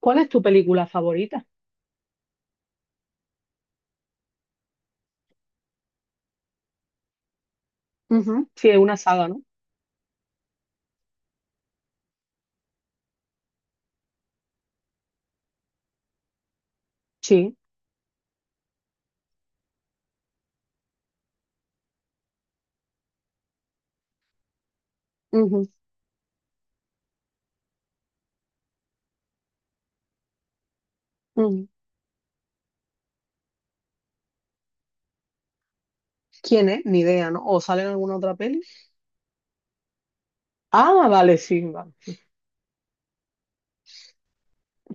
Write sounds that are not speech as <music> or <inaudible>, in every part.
¿Cuál es tu película favorita? Ujú, sí, es una saga, ¿no? Sí. Ujú, ujú. ¿Quién es? Ni idea, ¿no? ¿O sale en alguna otra peli? Ah, vale, sí, vale.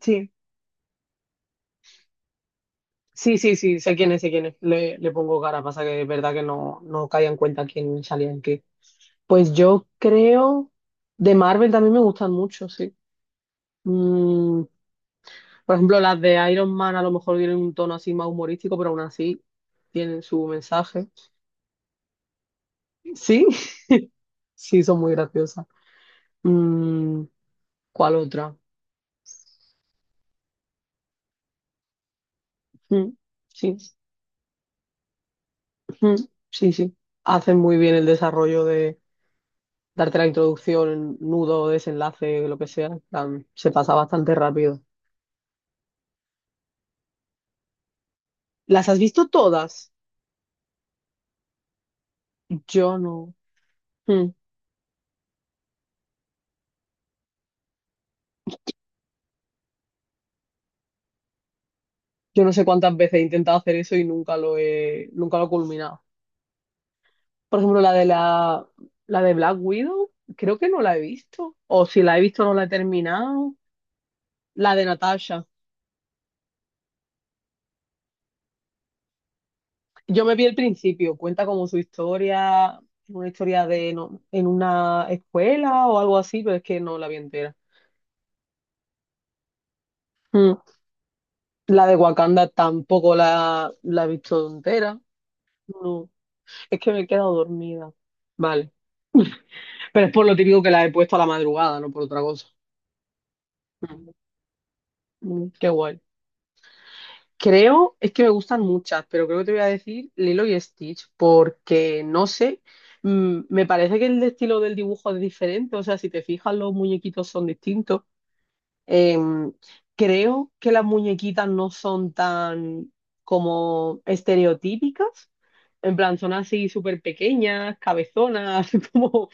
Sí. Sí, sí, sí, sé quién es, sé quién es. Le pongo cara, pasa que es verdad que no, no caía en cuenta quién salía en qué. Pues yo creo, de Marvel también me gustan mucho, sí. Mm, por ejemplo, las de Iron Man a lo mejor tienen un tono así más humorístico, pero aún así tienen su mensaje. Sí, <laughs> sí, son muy graciosas. Mm, ¿Cuál otra? Mm, sí, mm, sí, sí. Hacen muy bien el desarrollo de darte la introducción, nudo, desenlace, lo que sea. En plan, se pasa bastante rápido. ¿Las has visto todas? Yo no. Mm, Yo no sé cuántas veces he intentado hacer eso y nunca lo he culminado. Por ejemplo, la de Black Widow, creo que no la he visto. O si la he visto, no la he terminado. La de Natasha. Yo me vi el principio, cuenta como su historia, una historia de no, en una escuela o algo así, pero es que no la vi entera. Mm. La de Wakanda tampoco la he visto entera. No, es que me he quedado dormida. Vale, pero es por lo típico que la he puesto a la madrugada, no por otra cosa. Mm. Qué guay. Creo, es que me gustan muchas, pero creo que te voy a decir Lilo y Stitch, porque no sé, me parece que el estilo del dibujo es diferente, o sea, si te fijas los muñequitos son distintos. Em, Creo que las muñequitas no son tan como estereotípicas. En plan, son así súper pequeñas, cabezonas, <laughs> como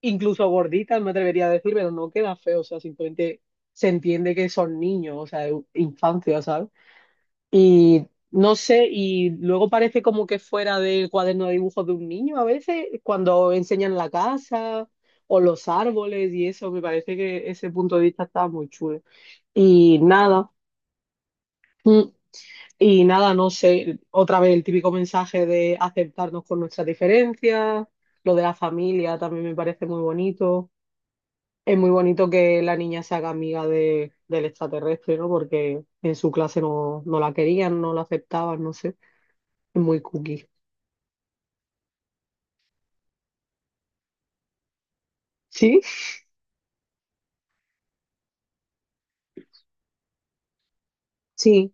incluso gorditas, me atrevería a decir, pero no queda feo. O sea, simplemente se entiende que son niños, o sea, infancia, ¿sabes? Y no sé, y luego parece como que fuera del cuaderno de dibujos de un niño a veces, cuando enseñan la casa o los árboles y eso, me parece que ese punto de vista está muy chulo. Y nada, mm, y nada, no sé, otra vez el típico mensaje de aceptarnos con nuestras diferencias, lo de la familia también me parece muy bonito. Es muy bonito que la niña se haga amiga de, del extraterrestre, ¿no? Porque en su clase no, no la querían, no la aceptaban, no sé, es muy cookie. ¿Sí? Sí.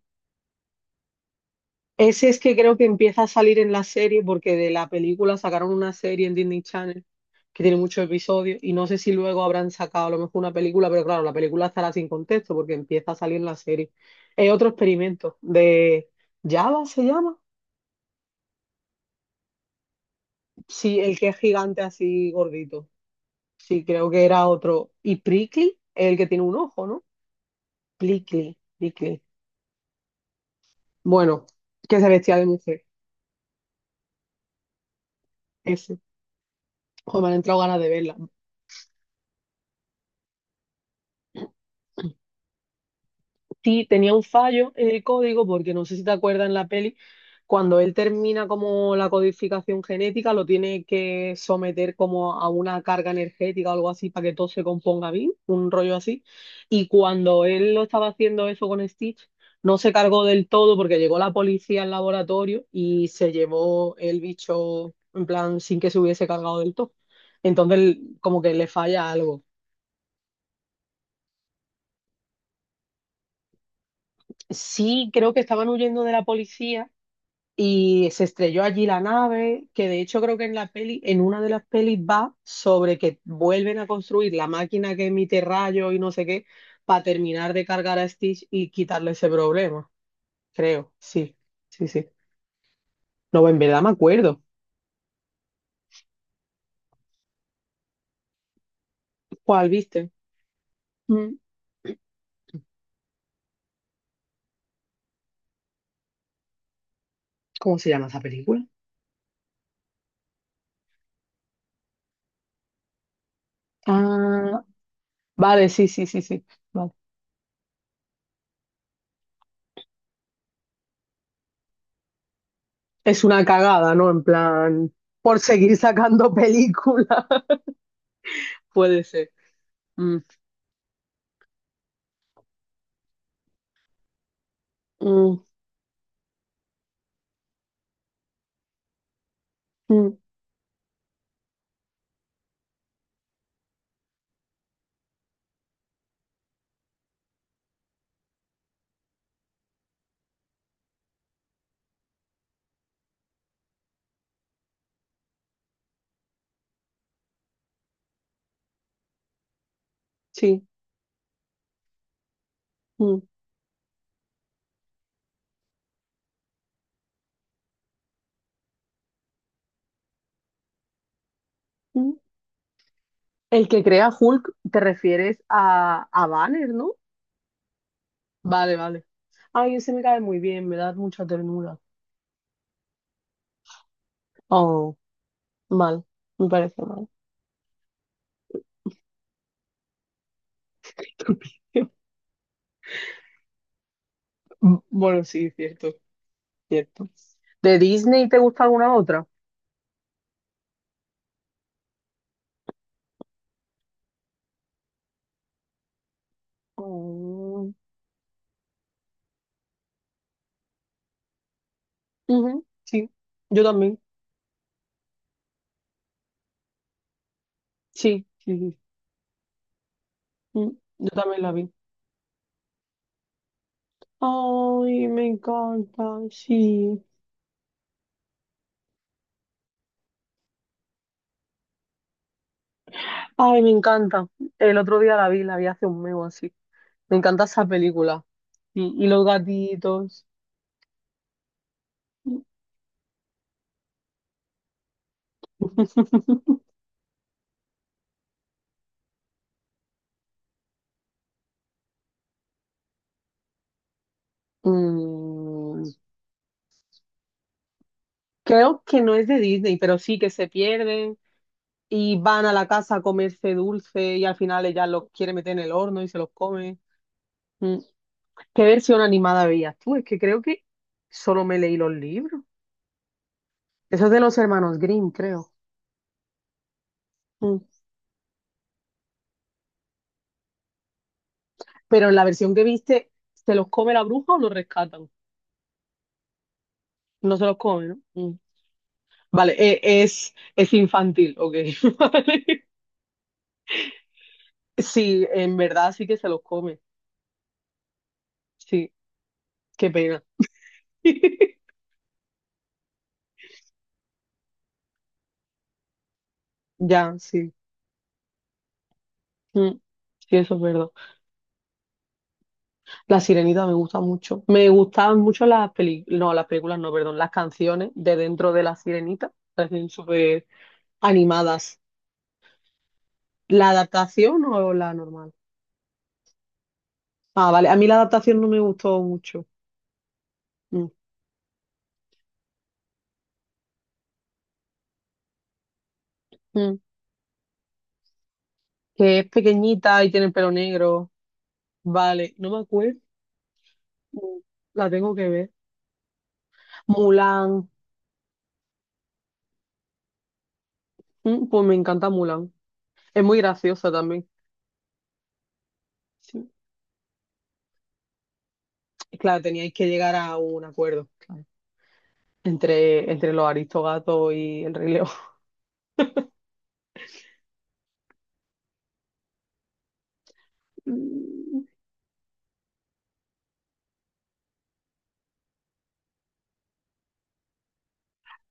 Ese es que creo que empieza a salir en la serie porque de la película sacaron una serie en Disney Channel que tiene muchos episodios y no sé si luego habrán sacado a lo mejor una película, pero claro, la película estará sin contexto porque empieza a salir en la serie. Es otro experimento de Java se llama. Sí, el que es gigante así gordito. Sí, creo que era otro. Y Prickly, el que tiene un ojo, ¿no? Prickly, Prickly. Bueno, que se vestía de mujer. Ese. Joder, me han entrado ganas de verla. Sí, tenía un fallo en el código, porque no sé si te acuerdas en la peli, cuando él termina como la codificación genética, lo tiene que someter como a una carga energética o algo así para que todo se componga bien, un rollo así. Y cuando él lo estaba haciendo eso con Stitch, no se cargó del todo porque llegó la policía al laboratorio y se llevó el bicho en plan sin que se hubiese cargado del todo. Entonces, como que le falla algo. Sí, creo que estaban huyendo de la policía y se estrelló allí la nave, que de hecho creo que en la peli, en una de las pelis va sobre que vuelven a construir la máquina que emite rayos y no sé qué, para terminar de cargar a Stitch y quitarle ese problema, creo, sí, sí, sí. No, en verdad me acuerdo. ¿Cuál viste? Mm. ¿Cómo se llama esa película? Ah, vale, sí, sí, sí, sí. Vale. Es una cagada, ¿no? En plan, por seguir sacando películas. <laughs> Puede ser. Mm, mm, mm. Sí. Mm, mm. El que crea Hulk, te refieres a, Banner, ¿no? Vale, vale. Ay, ese me cae muy bien, me da mucha ternura. Oh, mal. Me parece mal. <laughs> Bueno, sí, cierto, cierto. ¿De Disney te gusta alguna otra? Oh, ujú, sí, yo también. Sí, sí, sí. Mm, Yo también la vi. Ay, me encanta, sí. Ay, me encanta. El otro día la vi hace un mes o así. Me encanta esa película. Y los gatitos. <laughs> Mm, Creo que no es de Disney, pero sí que se pierden y van a la casa a comerse dulce y al final ella los quiere meter en el horno y se los come. Mm, ¿Qué versión animada veías tú? Es que creo que solo me leí los libros. Eso es de los hermanos Grimm, creo. Mm. Pero en la versión que viste, ¿se los come la bruja o los rescatan? No se los come, ¿no? Mm. Vale, es infantil, ok. <laughs> Vale. Sí, en verdad sí que se los come. Sí, qué pena. <laughs> Ya, sí. Mm. Sí, eso es verdad. La Sirenita me gusta mucho. Me gustaban mucho las películas no, perdón, las canciones de dentro de La Sirenita. Parecen súper animadas. ¿La adaptación o la normal? Ah, vale, a mí la adaptación no me gustó mucho. Mm. Mm. Que es pequeñita y tiene el pelo negro. Vale, no me acuerdo. Mm, La tengo que ver. Mulan. Pues me encanta Mulan. Es muy graciosa también. Sí. Y claro, teníais que llegar a un acuerdo, claro, entre los Aristogatos y el Rey León. Mm.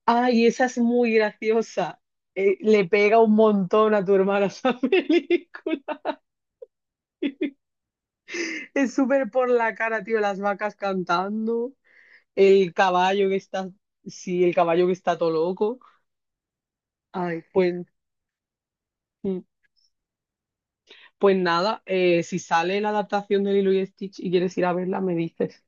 Ay, esa es muy graciosa. Le pega un montón a tu hermana esa <laughs> película. Es súper por la cara, tío, las vacas cantando, el caballo que está, sí, el caballo que está todo loco. Ay, pues, mm. Pues nada, si sale la adaptación de Lilo y Stitch y quieres ir a verla, me dices.